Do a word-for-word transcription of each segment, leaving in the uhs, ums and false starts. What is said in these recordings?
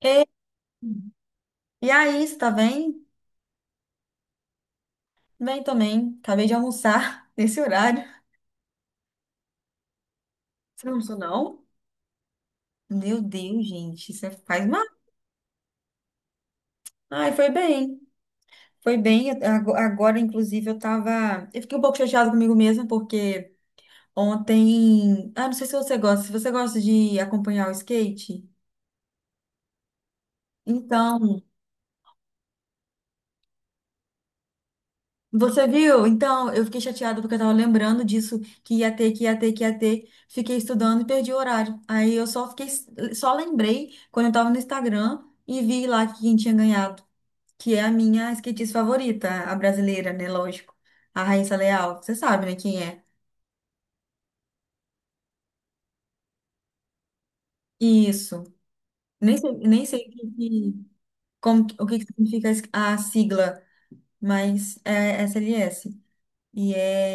Ei, e aí, você tá bem? Bem também. Acabei de almoçar nesse horário. Você não almoçou, não? Meu Deus, gente, isso é- faz mal. Ai, foi bem. Foi bem. Eu- ago- Agora, inclusive, eu tava. Eu fiquei um pouco chateada comigo mesma, porque ontem. Ah, não sei se você gosta. Se você gosta de acompanhar o skate, então. Você viu? Então, eu fiquei chateada porque eu tava lembrando disso, que ia ter, que ia ter, que ia ter. Fiquei estudando e perdi o horário. Aí eu só fiquei, só lembrei quando eu tava no Instagram e vi lá quem tinha ganhado, que é a minha skatista favorita, a brasileira, né? Lógico. A Raíssa Leal. Você sabe, né, quem é? Isso. Nem sei, nem sei o que, que- como, que- o que que significa a sigla, mas é S L S. E é.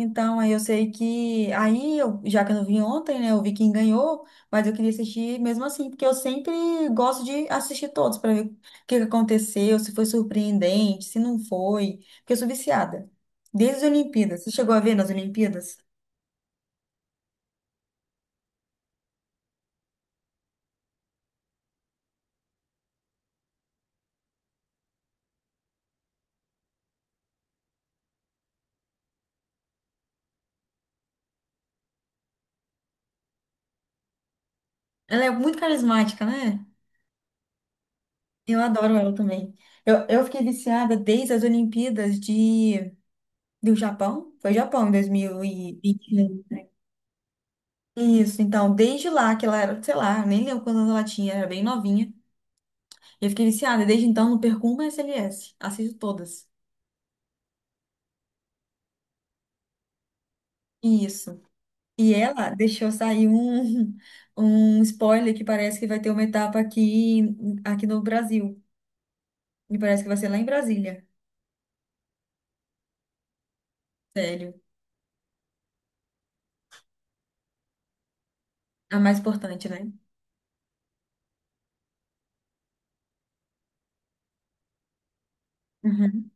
Então, aí eu sei que. Aí, eu, já que eu não vi ontem, né? Eu vi quem ganhou, mas eu queria assistir mesmo assim, porque eu sempre gosto de assistir todos para ver o que que aconteceu, se foi surpreendente, se não foi. Porque eu sou viciada. Desde as Olimpíadas. Você chegou a ver nas Olimpíadas? Ela é muito carismática, né? Eu adoro ela também. Eu, eu fiquei viciada desde as Olimpíadas de, do Japão. Foi Japão em dois mil e vinte e um. Isso, então, desde lá que ela era, sei lá, nem lembro quantos anos ela tinha, era bem novinha. Eu fiquei viciada, e desde então não perco uma S L S, assisto todas. Isso. E ela deixou sair um, um spoiler que parece que vai ter uma etapa aqui, aqui no Brasil. E parece que vai ser lá em Brasília. Sério. A mais importante, né? Uhum.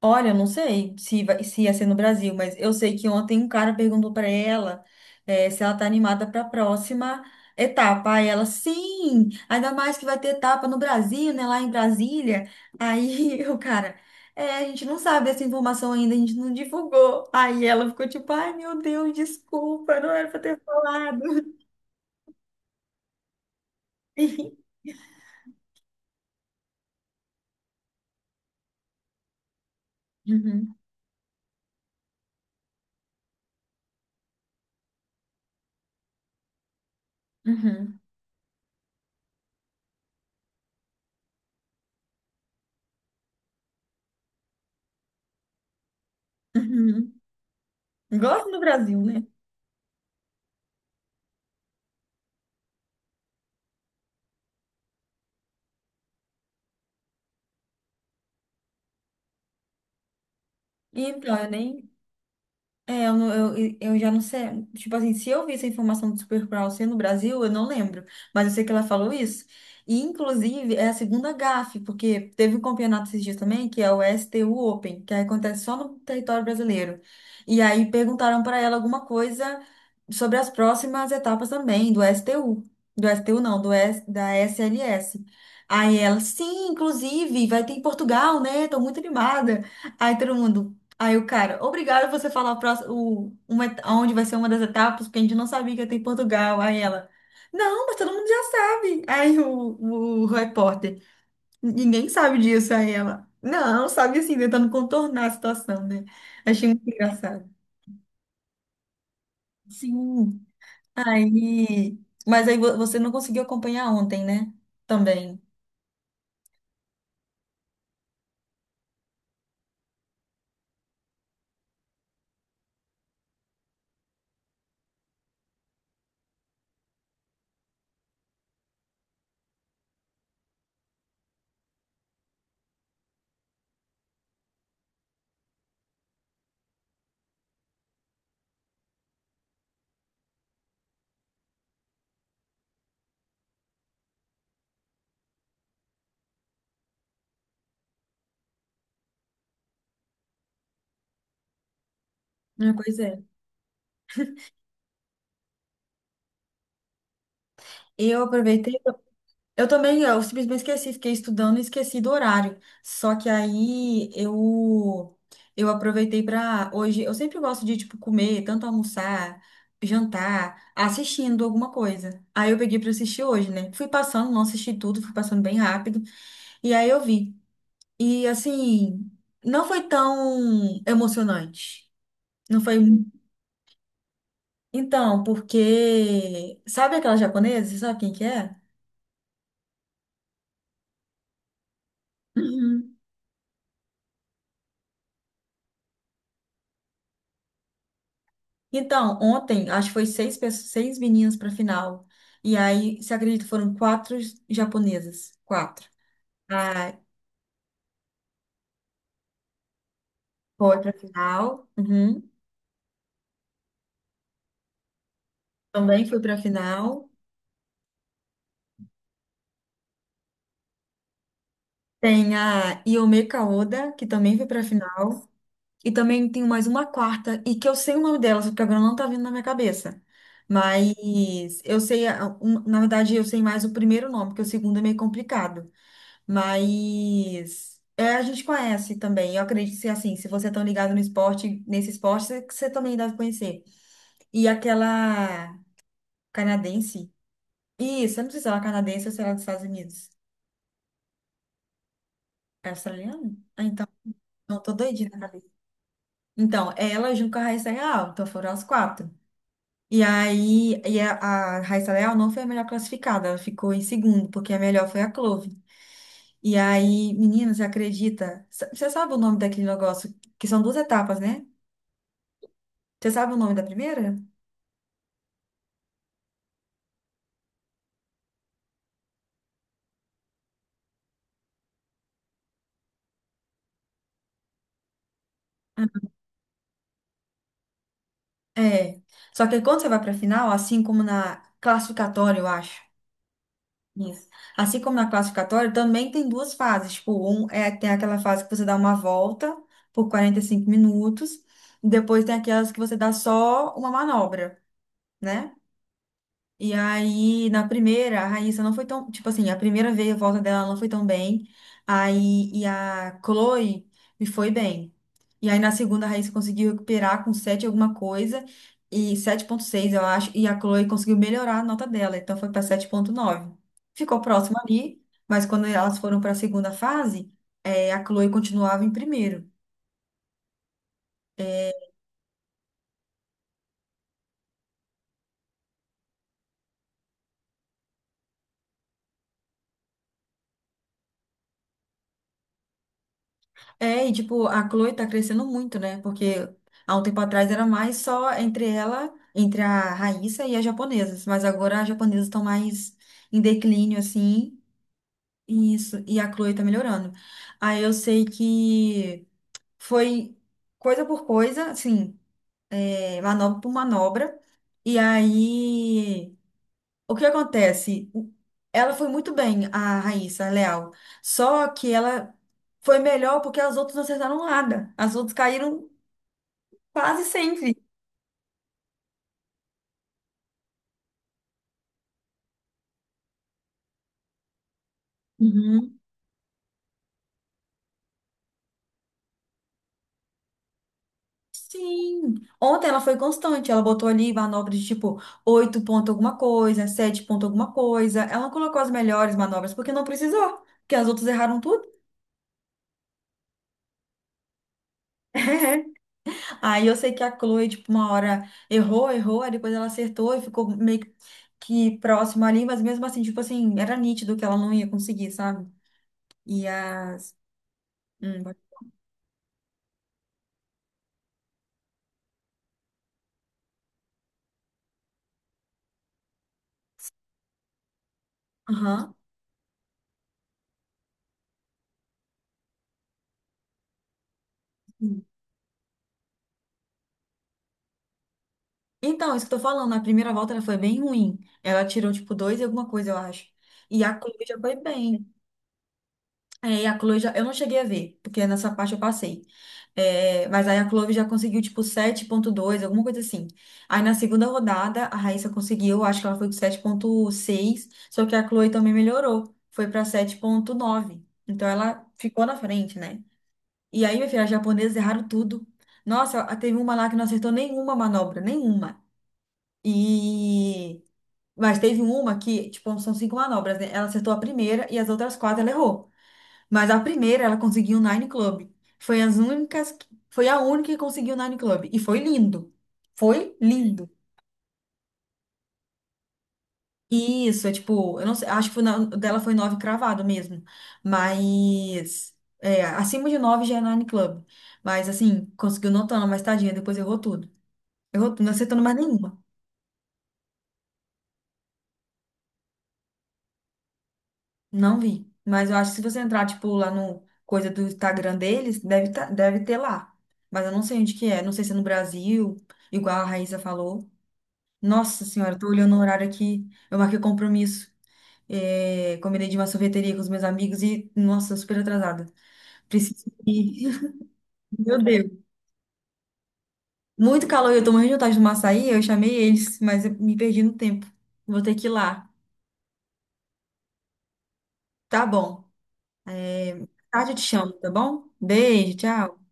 Olha, eu não sei se, vai- se ia ser no Brasil, mas eu sei que ontem um cara perguntou para ela, eh, se ela tá animada para a próxima etapa. Aí ela, sim, ainda mais que vai ter etapa no Brasil, né, lá em Brasília. Aí o cara, é, a gente não sabe dessa informação ainda, a gente não divulgou. Aí ela ficou tipo, ai meu Deus, desculpa, não era para ter falado. Uhum, uhum, uhum. Gosto do Brasil, né? Então, eu nem. É, eu, não- eu, eu já não sei. Tipo assim, se eu vi essa informação do Supercrawl ser no Brasil, eu não lembro. Mas eu sei que ela falou isso. E, inclusive, é a segunda gafe, porque teve um campeonato esses dias também, que é o S T U Open, que acontece só no território brasileiro. E aí perguntaram para ela alguma coisa sobre as próximas etapas também do S T U. Do S T U não, do S, da S L S. Aí ela, sim, inclusive, vai ter em Portugal, né? Tô muito animada. Aí todo mundo. Aí o cara, obrigado você falar o próximo, o, uma, et- onde vai ser uma das etapas, porque a gente não sabia que ia ter em Portugal. Aí ela, não, mas todo mundo já sabe. Aí o, o repórter, ninguém sabe disso. Aí ela, não, sabe assim, tentando contornar a situação, né? Achei muito engraçado. Sim. Aí, mas aí vo- você não conseguiu acompanhar ontem, né? Também. Ah, pois é. Eu aproveitei. Eu também, eu simplesmente esqueci, fiquei estudando e esqueci do horário. Só que aí eu eu aproveitei para hoje, eu sempre gosto de tipo comer, tanto almoçar, jantar, assistindo alguma coisa. Aí eu peguei para assistir hoje, né? Fui passando, não assisti tudo, fui passando bem rápido e aí eu vi. E assim, não foi tão emocionante. Não foi. Então, porque sabe aquela japonesa? Você sabe quem que é? Uhum. Então, ontem, acho que foi seis, pessoas, seis meninas para final. E aí, você acredita, foram quatro japonesas. Quatro. A foi para final. Uhum. Também foi para final. Tem a Iome Kaoda, que também foi para final. E também tem mais uma quarta, e que eu sei o nome dela, só que agora não tá vindo na minha cabeça. Mas eu sei, a- um- na verdade, eu sei mais o primeiro nome, porque o segundo é meio complicado. Mas é, a gente conhece também. Eu acredito que assim, se você é tão ligado no esporte, nesse esporte, você, você também deve conhecer. E aquela canadense. Isso, eu não sei se ela é canadense ou se ela é dos Estados Unidos. É australiana? Ah, então, não, tô doidinha na cabeça. Então, ela junto com a Raíssa Leal, então foram as quatro. E aí, e a, a Raíssa Leal não foi a melhor classificada, ela ficou em segundo, porque a melhor foi a Clove. E aí, menina, você acredita? S- Você sabe o nome daquele negócio? Que são duas etapas, né? Você sabe o nome da primeira? É. Só que quando você vai para a final, assim como na classificatória, eu acho. Isso. Assim como na classificatória, também tem duas fases. Tipo, um é tem aquela fase que você dá uma volta por quarenta e cinco minutos, e depois tem aquelas que você dá só uma manobra, né? E aí, na primeira, a Raíssa não foi tão. Tipo assim, a primeira vez, a volta dela não foi tão bem. Aí, e a Chloe me foi bem. E aí, na segunda, a Raíssa conseguiu recuperar com sete alguma coisa, e sete ponto seis eu acho. E a Chloe conseguiu melhorar a nota dela, então foi para sete ponto nove. Ficou próximo ali, mas quando elas foram para a segunda fase, eh, a Chloe continuava em primeiro. É, e tipo, a Chloe tá crescendo muito, né? Porque há um tempo atrás era mais só entre ela, entre a Raíssa e as japonesas. Mas agora as japonesas estão mais em declínio, assim. E isso. E a Chloe tá melhorando. Aí eu sei que foi coisa por coisa, assim, é, manobra por manobra. E aí, o que acontece? Ela foi muito bem, a Raíssa, a Leal. Só que ela foi melhor porque as outras não acertaram nada. As outras caíram quase sempre. Uhum. Sim. Ontem ela foi constante, ela botou ali manobras de tipo oito ponto alguma coisa, sete ponto alguma coisa. Ela não colocou as melhores manobras porque não precisou, porque as outras erraram tudo. Aí eu sei que a Chloe, tipo, uma hora errou, errou, aí depois ela acertou e ficou meio que que próxima ali, mas mesmo assim, tipo assim, era nítido que ela não ia conseguir, sabe? E as. Hum, pode- Aham. Então, isso que eu tô falando, na primeira volta ela foi bem ruim. Ela tirou, tipo, dois e alguma coisa, eu acho. E a Chloe já foi bem. É, e a Chloe já. Eu não cheguei a ver, porque nessa parte eu passei. É, mas aí a Chloe já conseguiu, tipo, sete ponto dois, alguma coisa assim. Aí na segunda rodada, a Raíssa conseguiu, acho que ela foi com sete ponto seis, só que a Chloe também melhorou. Foi pra sete ponto nove. Então ela ficou na frente, né? E aí, minha filha, as japonesas erraram tudo. Nossa, teve uma lá que não acertou nenhuma manobra, nenhuma. E mas teve uma que, tipo, são cinco manobras, né? Ela acertou a primeira e as outras quatro ela errou. Mas a primeira ela conseguiu o Nine Club. Foi as únicas, que- foi a única que conseguiu o Nine Club. E foi lindo. Foi lindo. E isso, é tipo, eu não sei, acho que foi na- dela foi nove cravado mesmo. Mas é, acima de nove já é Nine Club. Mas assim, conseguiu notando, mas tadinha, depois errou tudo. Errou tudo, não acertando mais nenhuma. Não vi. Mas eu acho que se você entrar, tipo, lá no coisa do Instagram deles, deve, tá, deve ter lá. Mas eu não sei onde que é. Não sei se é no Brasil, igual a Raíssa falou. Nossa senhora, eu tô olhando o horário aqui. Eu marquei compromisso. É, combinei de uma sorveteria com os meus amigos e, nossa, super atrasada. Preciso ir. Meu Deus. Muito calor, e eu tô morrendo de vontade de tomar açaí. Eu chamei eles, mas eu me perdi no tempo. Vou ter que ir lá. Tá bom. É, tarde eu te chamo, tá bom? Beijo, tchau.